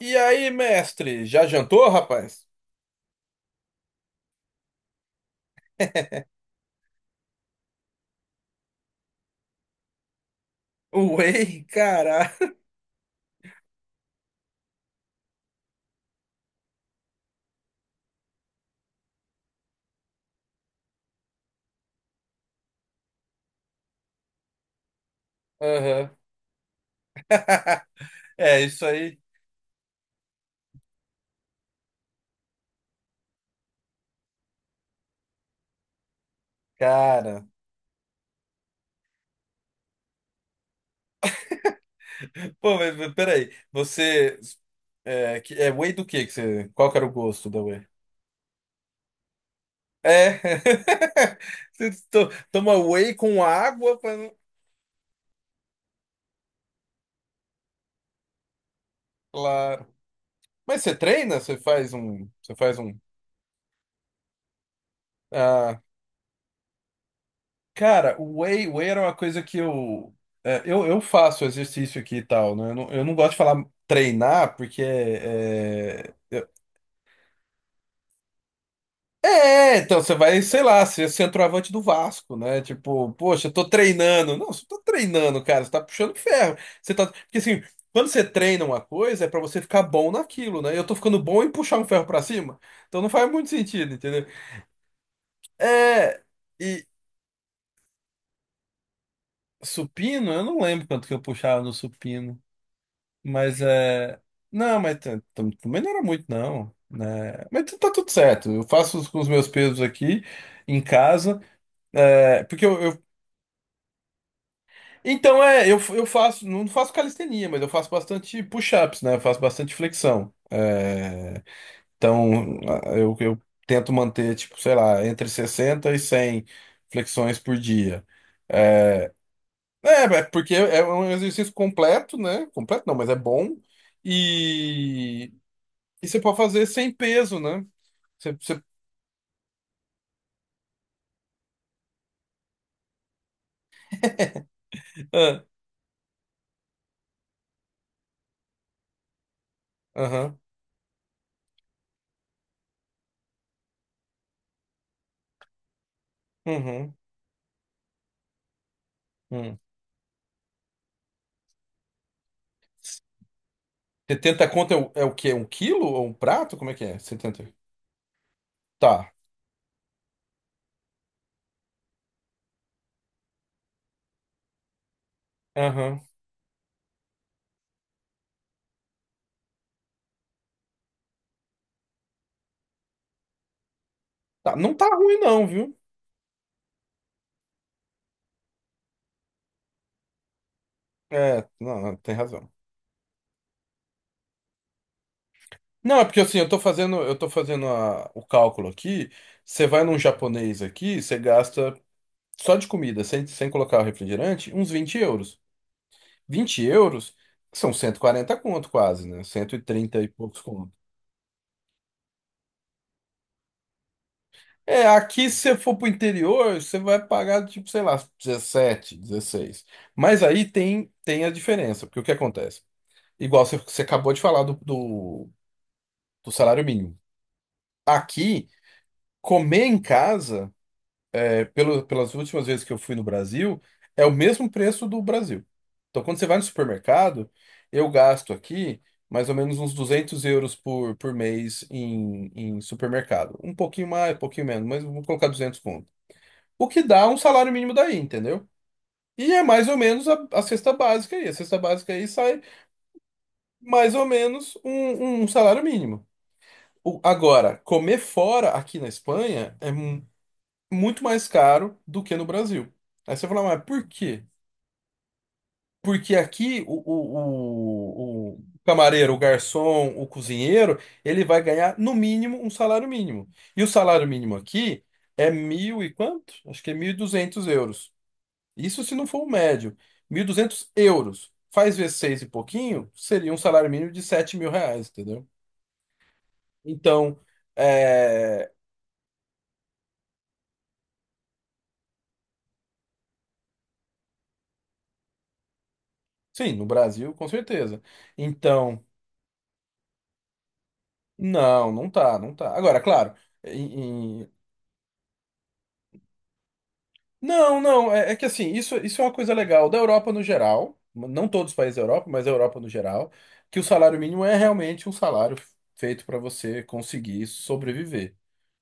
E aí, mestre, já jantou, rapaz? Whey, cara. Aham. É, isso aí, cara. Pô, mas peraí, você... É, é whey do quê que você... Qual que era o gosto da whey? É. Você toma whey com água pra... não- Claro. Mas você treina? Você faz um... ah, cara, o whey era uma coisa que eu, é, eu faço exercício aqui e tal, né? Eu não gosto de falar treinar, porque então você vai, sei lá, ser centroavante do Vasco, né? Tipo, poxa, eu tô treinando. Não, você tá treinando, cara, você tá puxando ferro. Você tá, porque assim, quando você treina uma coisa, é pra você ficar bom naquilo, né? Eu tô ficando bom em puxar um ferro pra cima, então não faz muito sentido, entendeu? É, e supino, eu não lembro quanto que eu puxava no supino. Mas é. Não, mas também não era muito, não. Né? Mas tá tudo certo. Eu faço com os meus pesos aqui em casa. É, porque eu, então é, eu faço, não faço calistenia, mas eu faço bastante push-ups, né? Eu faço bastante flexão. É, então eu tento manter, tipo, sei lá, entre 60 e 100 flexões por dia. Eh, É, é porque é um exercício completo, né? Completo não, mas é bom. E você pode fazer sem peso, né? Você... Ah, aham, uhum, hum. 70 conto é, é o quê? Um quilo ou um prato? Como é que é? 70. Tá. Aham. Tá. Não tá ruim, não, viu? É, não, não, tem razão. Não, é porque assim, eu tô fazendo o cálculo aqui. Você vai num japonês aqui, você gasta só de comida, sem colocar o refrigerante, uns 20 euros. 20 euros são 140 conto quase, né? 130 e trinta e poucos conto. É, aqui se você for pro interior, você vai pagar tipo, sei lá, 17 16. Mas aí tem a diferença, porque o que acontece? Igual você acabou de falar do, do salário mínimo. Aqui, comer em casa, é, pelo, pelas últimas vezes que eu fui no Brasil, é o mesmo preço do Brasil. Então, quando você vai no supermercado, eu gasto aqui mais ou menos uns 200 euros por mês em supermercado. Um pouquinho mais, um pouquinho menos, mas vamos colocar 200, o que dá um salário mínimo daí, entendeu? E é mais ou menos a cesta básica aí. A cesta básica aí sai mais ou menos um, um salário mínimo. Agora, comer fora aqui na Espanha é muito mais caro do que no Brasil. Aí você fala, mas por quê? Porque aqui o camareiro, o garçom, o cozinheiro, ele vai ganhar no mínimo um salário mínimo. E o salário mínimo aqui é mil e quanto? Acho que é 1.200 euros. Isso se não for o médio. 1.200 euros. Faz vezes seis e pouquinho, seria um salário mínimo de 7.000 reais, entendeu? Então, é... Sim, no Brasil, com certeza. Então, não, não tá, não tá. Agora, claro, em- em- não, não, é que assim, isso é uma coisa legal da Europa no geral, não todos os países da Europa, mas a Europa no geral, que o salário mínimo é realmente um salário feito para você conseguir sobreviver.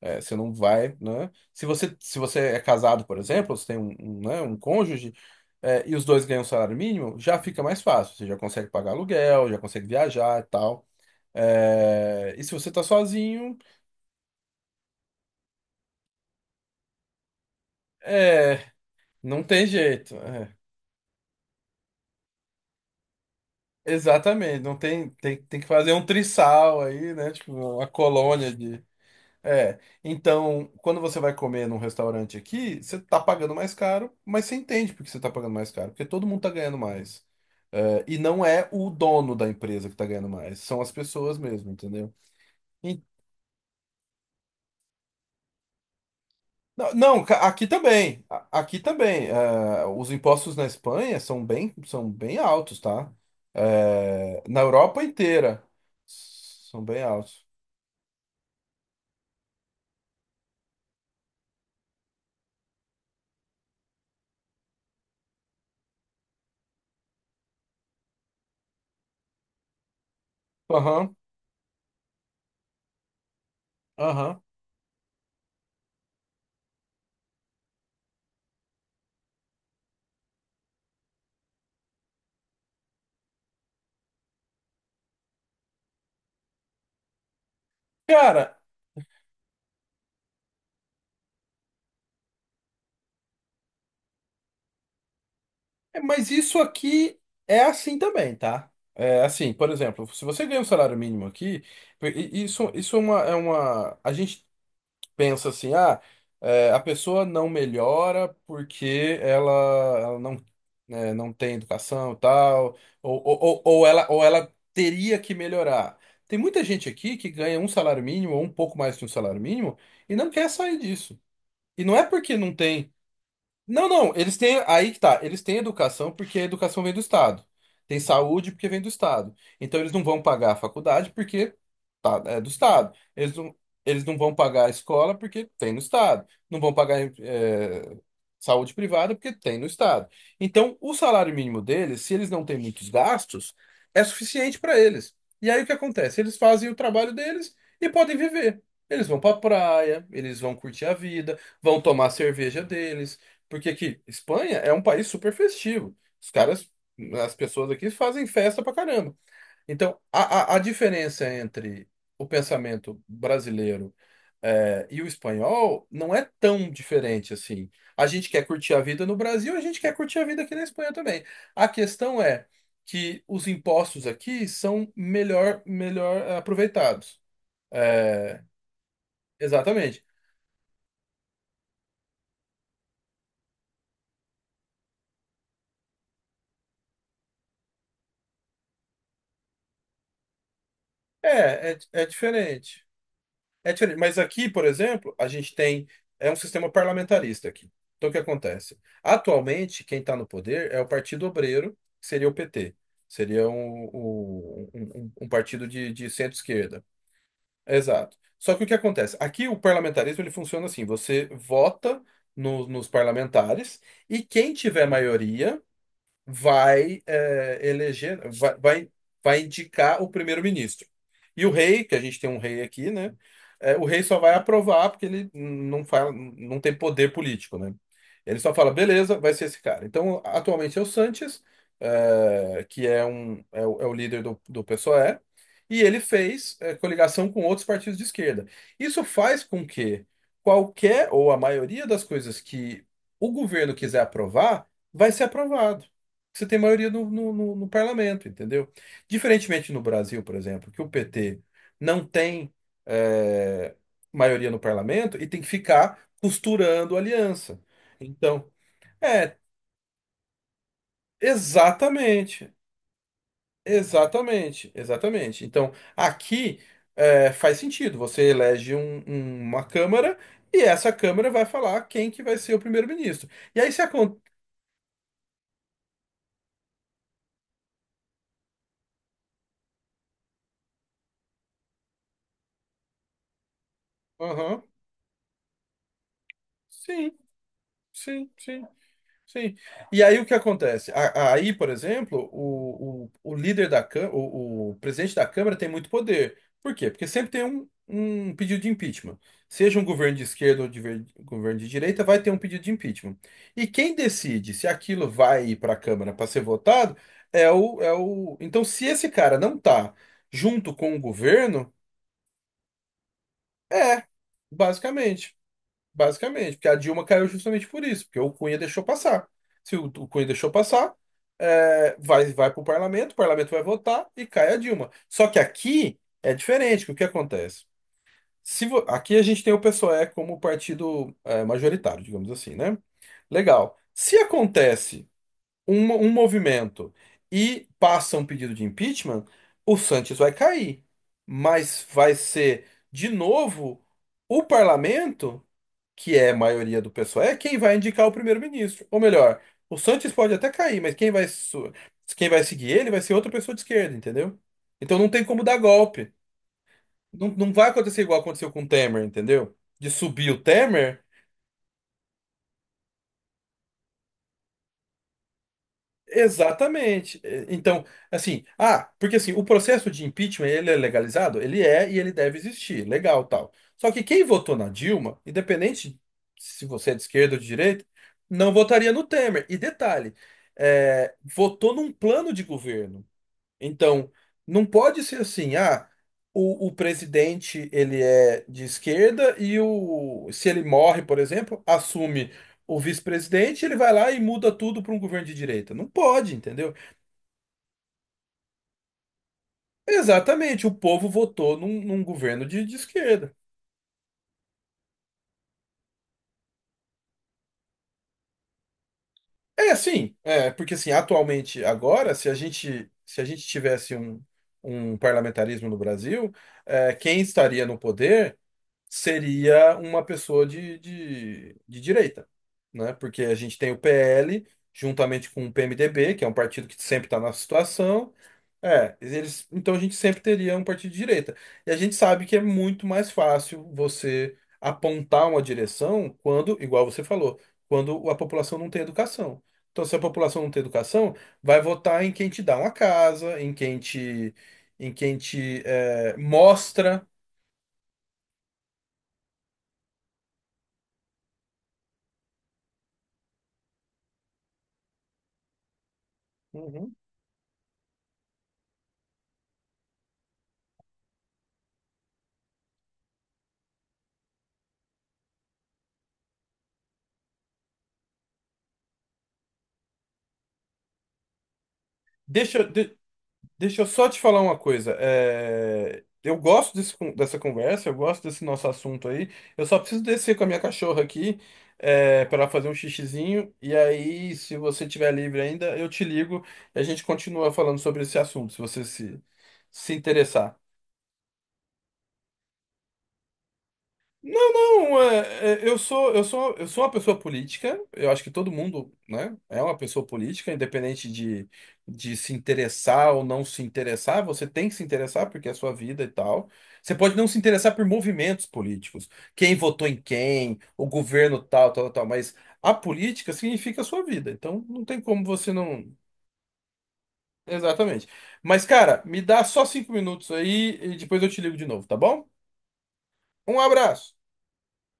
É, você não vai, né? Se você é casado, por exemplo, você tem um, um, né, um cônjuge, é, e os dois ganham um salário mínimo, já fica mais fácil. Você já consegue pagar aluguel, já consegue viajar e tal. É, e se você tá sozinho, é, não tem jeito. É. Exatamente, não tem, tem que fazer um trisal aí, né? Tipo, uma colônia. É, então, quando você vai comer num restaurante aqui, você tá pagando mais caro, mas você entende por que você tá pagando mais caro, porque todo mundo tá ganhando mais. É, e não é o dono da empresa que tá ganhando mais, são as pessoas mesmo, entendeu? E- não, não, aqui também, aqui também, é, os impostos na Espanha são bem altos, tá? É, na Europa inteira, são bem altos. Aham, aham. Cara, é, mas isso aqui é assim também, tá? É assim, por exemplo, se você ganha um salário mínimo aqui, isso é uma, é uma. A gente pensa assim, ah, é, a pessoa não melhora porque ela não, né, não tem educação e tal, ou ela teria que melhorar. Tem muita gente aqui que ganha um salário mínimo ou um pouco mais que um salário mínimo e não quer sair disso. E não é porque não tem. Não, não, eles têm. Aí que tá. Eles têm educação porque a educação vem do Estado. Tem saúde porque vem do Estado. Então eles não vão pagar a faculdade porque... Tá, é do Estado. Eles não vão pagar a escola porque tem no Estado. Não vão pagar saúde privada porque tem no Estado. Então, o salário mínimo deles, se eles não têm muitos gastos, é suficiente para eles. E aí o que acontece? Eles fazem o trabalho deles e podem viver. Eles vão para praia, eles vão curtir a vida, vão tomar a cerveja deles. Porque aqui, Espanha é um país super festivo. Os caras, as pessoas aqui fazem festa pra caramba. Então, a, a diferença entre o pensamento brasileiro e o espanhol não é tão diferente assim. A gente quer curtir a vida no Brasil, a gente quer curtir a vida aqui na Espanha também. A questão é que os impostos aqui são melhor, melhor aproveitados. Eh, exatamente. É diferente. É diferente, mas aqui, por exemplo, a gente tem é um sistema parlamentarista aqui. Então o que acontece? Atualmente, quem está no poder é o Partido Obreiro, que seria o PT. Seria um, um partido de centro-esquerda. Exato. Só que o que acontece? Aqui o parlamentarismo ele funciona assim: você vota nos parlamentares e quem tiver maioria vai eh, eleger, vai, vai, vai indicar o primeiro-ministro. E o rei, que a gente tem um rei aqui, né? O rei só vai aprovar porque ele não fala, não tem poder político, né? Ele só fala, beleza, vai ser esse cara. Então, atualmente é o Sanches, eh, que é, um, é, o, é o líder do, do PSOE, e ele fez coligação com outros partidos de esquerda. Isso faz com que qualquer ou a maioria das coisas que o governo quiser aprovar, vai ser aprovado, você tem maioria no parlamento, entendeu? Diferentemente no Brasil, por exemplo, que o PT não tem eh, maioria no parlamento e tem que ficar costurando aliança. Então, é, exatamente, exatamente, exatamente. Então, aqui faz sentido, você elege uma Câmara e essa Câmara vai falar quem que vai ser o primeiro-ministro. E aí se acontece... Aham, sim, sim, sim. Sim. E aí o que acontece? Aí, por exemplo, o líder da Câmara, o presidente da Câmara tem muito poder. Por quê? Porque sempre tem um, um pedido de impeachment. Seja um governo de esquerda ou governo de direita, vai ter um pedido de impeachment. E quem decide se aquilo vai ir para a Câmara para ser votado é o, é o... Então, se esse cara não tá junto com o governo, é, basicamente. Basicamente, porque a Dilma caiu justamente por isso, porque o Cunha deixou passar. Se o, o Cunha deixou passar, é, vai, vai para o parlamento vai votar e cai a Dilma. Só que aqui é diferente, que o que acontece? Se vo- Aqui a gente tem o PSOE como partido é, majoritário, digamos assim, né? Legal. Se acontece um, um movimento e passa um pedido de impeachment, o Sanches vai cair, mas vai ser de novo o parlamento, que é a maioria do pessoal, é quem vai indicar o primeiro-ministro. Ou melhor, o Sanches pode até cair, mas quem vai seguir ele vai ser outra pessoa de esquerda, entendeu? Então não tem como dar golpe. Não, não vai acontecer igual aconteceu com o Temer, entendeu? De subir o Temer. Exatamente. É, então, assim, ah, porque assim, o processo de impeachment, ele é legalizado? Ele é e ele deve existir, legal, tal. Só que quem votou na Dilma, independente se você é de esquerda ou de direita, não votaria no Temer. E detalhe, é, votou num plano de governo. Então, não pode ser assim, ah, o presidente ele é de esquerda e o, se ele morre, por exemplo, assume o vice-presidente, ele vai lá e muda tudo para um governo de direita. Não pode, entendeu? Exatamente, o povo votou num, num governo de esquerda. É assim, é, porque assim, atualmente, agora, se a gente tivesse um, um parlamentarismo no Brasil, é, quem estaria no poder seria uma pessoa de direita, né? Porque a gente tem o PL, juntamente com o PMDB, que é um partido que sempre está na situação. É, eles, então a gente sempre teria um partido de direita. E a gente sabe que é muito mais fácil você apontar uma direção quando, igual você falou, quando a população não tem educação. Então, se a população não tem educação, vai votar em quem te dá uma casa, em quem te mostra. Uhum. Deixa, de- Deixa eu só te falar uma coisa. É, eu gosto dessa conversa, eu gosto desse nosso assunto aí. Eu só preciso descer com a minha cachorra aqui, é, para ela fazer um xixizinho. E aí, se você tiver livre ainda, eu te ligo e a gente continua falando sobre esse assunto, se você se interessar. Não, não, é, eu sou uma pessoa política. Eu acho que todo mundo, né, é uma pessoa política, independente de se interessar ou não se interessar. Você tem que se interessar porque é a sua vida e tal. Você pode não se interessar por movimentos políticos, quem votou em quem, o governo tal, tal, tal. Mas a política significa a sua vida. Então não tem como você não. Exatamente. Mas, cara, me dá só 5 minutos aí e depois eu te ligo de novo, tá bom? Um abraço.